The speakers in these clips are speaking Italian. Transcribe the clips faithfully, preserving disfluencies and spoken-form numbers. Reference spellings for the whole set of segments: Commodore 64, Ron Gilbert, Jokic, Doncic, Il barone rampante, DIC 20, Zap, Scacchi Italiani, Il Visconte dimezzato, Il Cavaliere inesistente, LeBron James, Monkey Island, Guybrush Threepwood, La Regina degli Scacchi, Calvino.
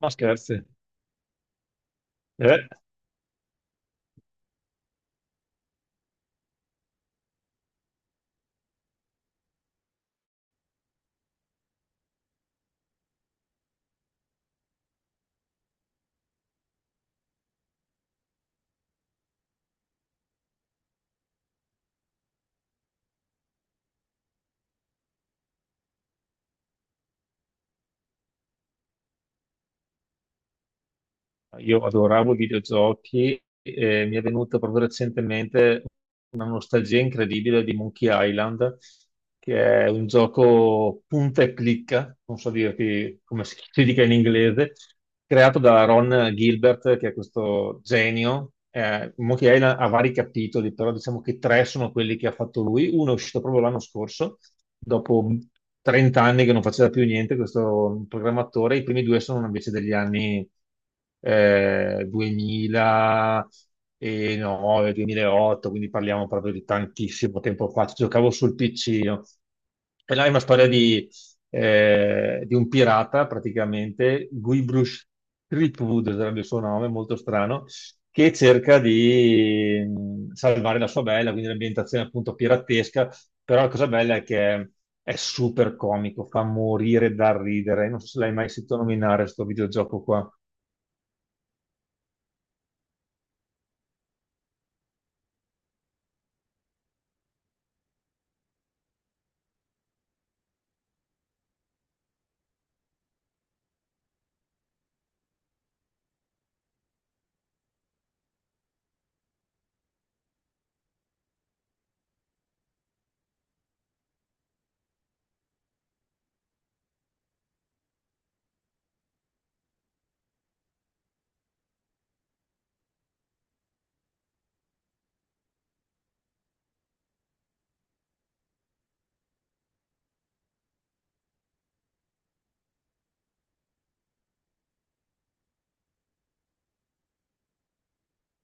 Ma scherzi. Eh, io adoravo i videogiochi e mi è venuta proprio recentemente una nostalgia incredibile di Monkey Island, che è un gioco punta e clicca, non so dirti come si si dica in inglese, creato da Ron Gilbert, che è questo genio. Eh, Monkey Island ha vari capitoli, però diciamo che tre sono quelli che ha fatto lui. Uno è uscito proprio l'anno scorso dopo trenta anni che non faceva più niente questo programmatore. I primi due sono invece degli anni eh, duemilanove, duemilaotto, quindi parliamo proprio di tantissimo tempo fa. Ci giocavo sul P C, io. E là è una storia di, eh, di un pirata praticamente. Guybrush Threepwood sarebbe il suo nome, molto strano, che cerca di mh, salvare la sua bella, quindi l'ambientazione appunto piratesca, però la cosa bella è che è super comico, fa morire dal ridere. Non so se l'hai mai sentito nominare questo videogioco qua.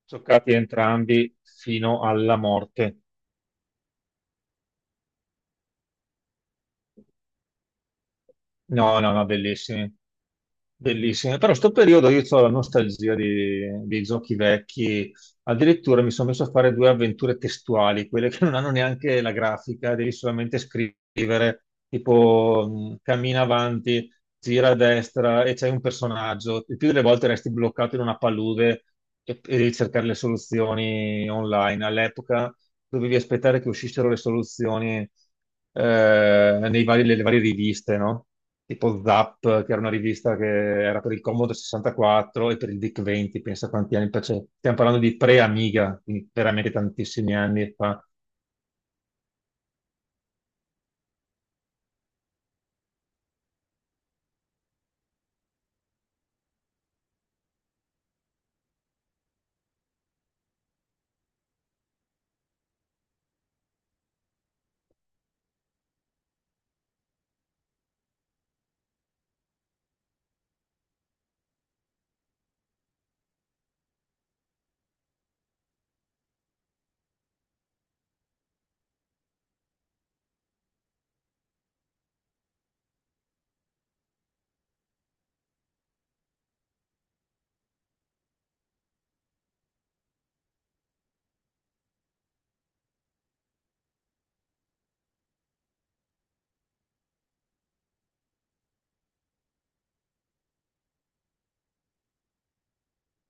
Giocati entrambi fino alla morte. No, no, no, bellissimi. Bellissime, però sto periodo io ho la nostalgia di- dei giochi vecchi, addirittura mi sono messo a fare due avventure testuali, quelle che non hanno neanche la grafica, devi solamente scrivere, tipo mh, cammina avanti, gira a destra e c'è un personaggio. Il più delle volte resti bloccato in una palude e, e devi cercare le soluzioni online. All'epoca dovevi aspettare che uscissero le soluzioni eh, nei vari- nelle varie riviste, no? Tipo Zap, che era una rivista che era per il Commodore sessantaquattro e per il D I C venti, pensa quanti anni fa, cioè, stiamo parlando di pre-Amiga, quindi veramente tantissimi anni fa.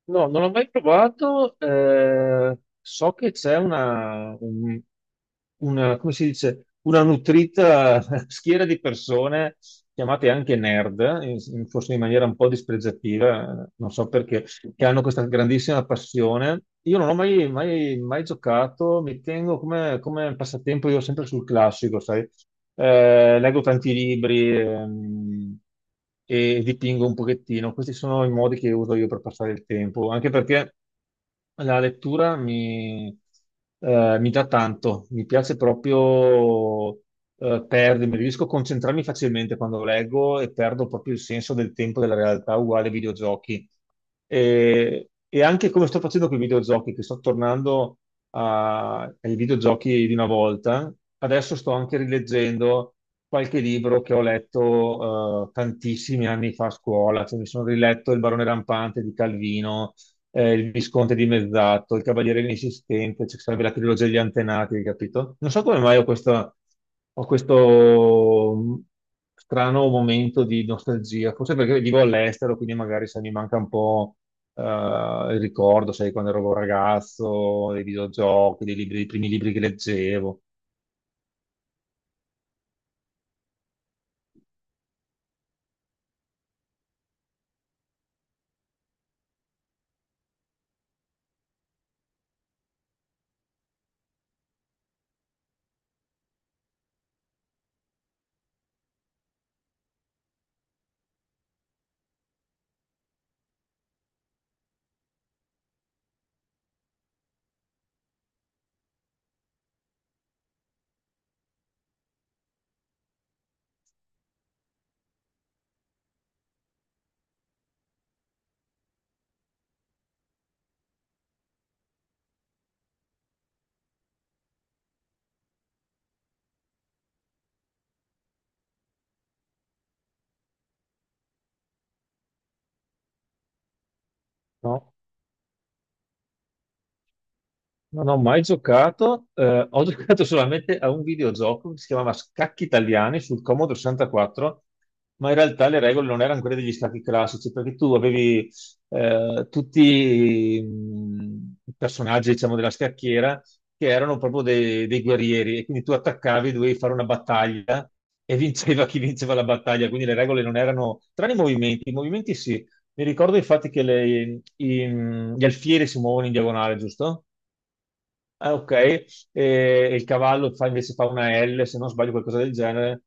No, non l'ho mai provato. Eh, so che c'è una, un- una- come si dice, una nutrita schiera di persone chiamate anche nerd, in- in- forse in maniera un po' dispregiativa, eh, non so perché, che hanno questa grandissima passione. Io non ho mai, mai- mai giocato, mi tengo come, come passatempo io sempre sul classico, sai? Eh, leggo tanti libri ehm, e dipingo un pochettino. Questi sono i modi che uso io per passare il tempo, anche perché la lettura mi, eh, mi dà tanto, mi piace proprio eh, perdermi, riesco a concentrarmi facilmente quando leggo e perdo proprio il senso del tempo della realtà, uguale ai videogiochi. E, e anche come sto facendo con i videogiochi, che sto tornando a- ai videogiochi di una volta, adesso sto anche rileggendo qualche libro che ho letto eh, tantissimi anni fa a scuola, cioè mi sono riletto Il barone rampante di Calvino, eh, il Visconte dimezzato, il Cavaliere inesistente, cioè sarebbe la trilogia degli antenati, capito? Non so come mai ho, questa- ho questo mm, strano momento di nostalgia, forse perché vivo all'estero, quindi magari se mi manca un po' eh, il ricordo, sai, quando ero un ragazzo, dei videogiochi, dei libri- dei primi libri che leggevo, no? Non ho mai giocato, eh, ho giocato solamente a un videogioco che si chiamava Scacchi Italiani sul Commodore sessantaquattro, ma in realtà le regole non erano quelle degli scacchi classici, perché tu avevi eh, tutti mh, i personaggi, diciamo, della scacchiera che erano proprio dei, dei guerrieri e quindi tu attaccavi, dovevi fare una battaglia e vinceva chi vinceva la battaglia, quindi le regole non erano, tranne i movimenti, i movimenti sì. Mi ricordo infatti che le- i- gli alfieri si muovono in diagonale, giusto? Ah, ok, e il cavallo fa, invece fa una L, se non sbaglio qualcosa del genere.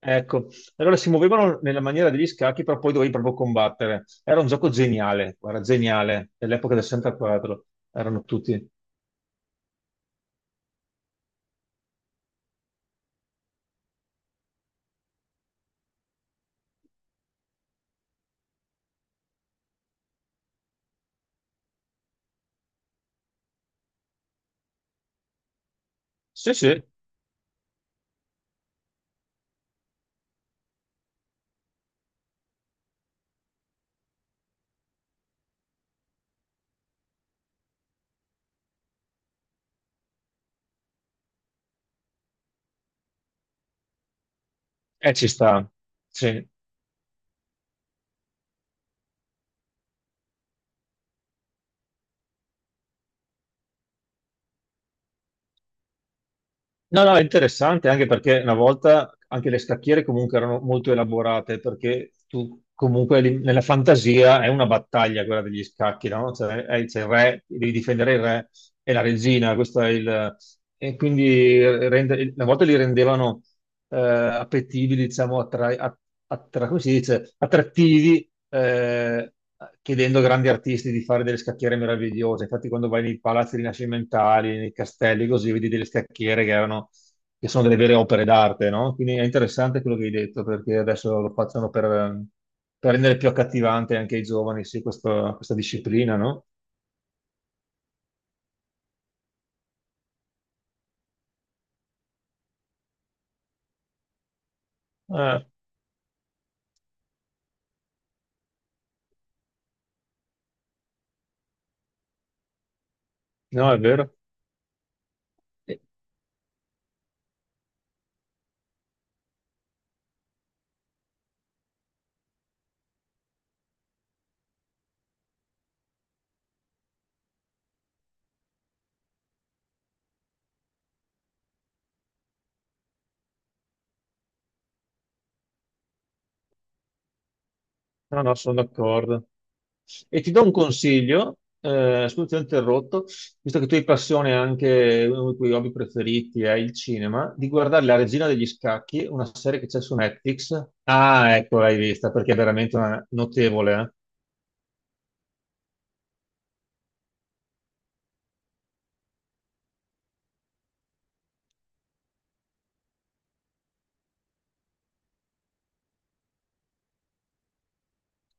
Ecco, allora si muovevano nella maniera degli scacchi, però poi dovevi proprio combattere. Era un gioco geniale, guarda, geniale, dell'epoca del sessantaquattro. Erano tutti. Sì, sì, eh, ci sta. Sì. No, no, è interessante anche perché una volta anche le scacchiere comunque erano molto elaborate perché tu comunque lì- nella fantasia è una battaglia quella degli scacchi, no? Cioè, è- c'è il re, devi difendere il re e la regina, questo è il... E quindi rende- una volta li rendevano eh, appetibili, diciamo, attra- att- attra- come si dice? Attrattivi, eh, chiedendo a grandi artisti di fare delle scacchiere meravigliose. Infatti, quando vai nei palazzi rinascimentali, nei castelli, così vedi delle scacchiere che erano, che sono delle vere opere d'arte, no? Quindi è interessante quello che hai detto, perché adesso lo facciano per, per rendere più accattivante anche ai giovani, sì, questa, questa disciplina, no? Eh, no, è vero. No, no, sono d'accordo. E ti do un consiglio, eh, scusa, ti ho interrotto, visto che tu hai passione anche, uno dei tuoi hobby preferiti è il cinema, di guardare La Regina degli Scacchi, una serie che c'è su Netflix. Ah, ecco, l'hai vista, perché è veramente una- notevole, eh?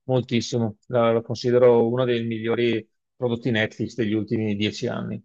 Moltissimo. La, la considero uno dei migliori prodotti Netflix degli ultimi dieci anni.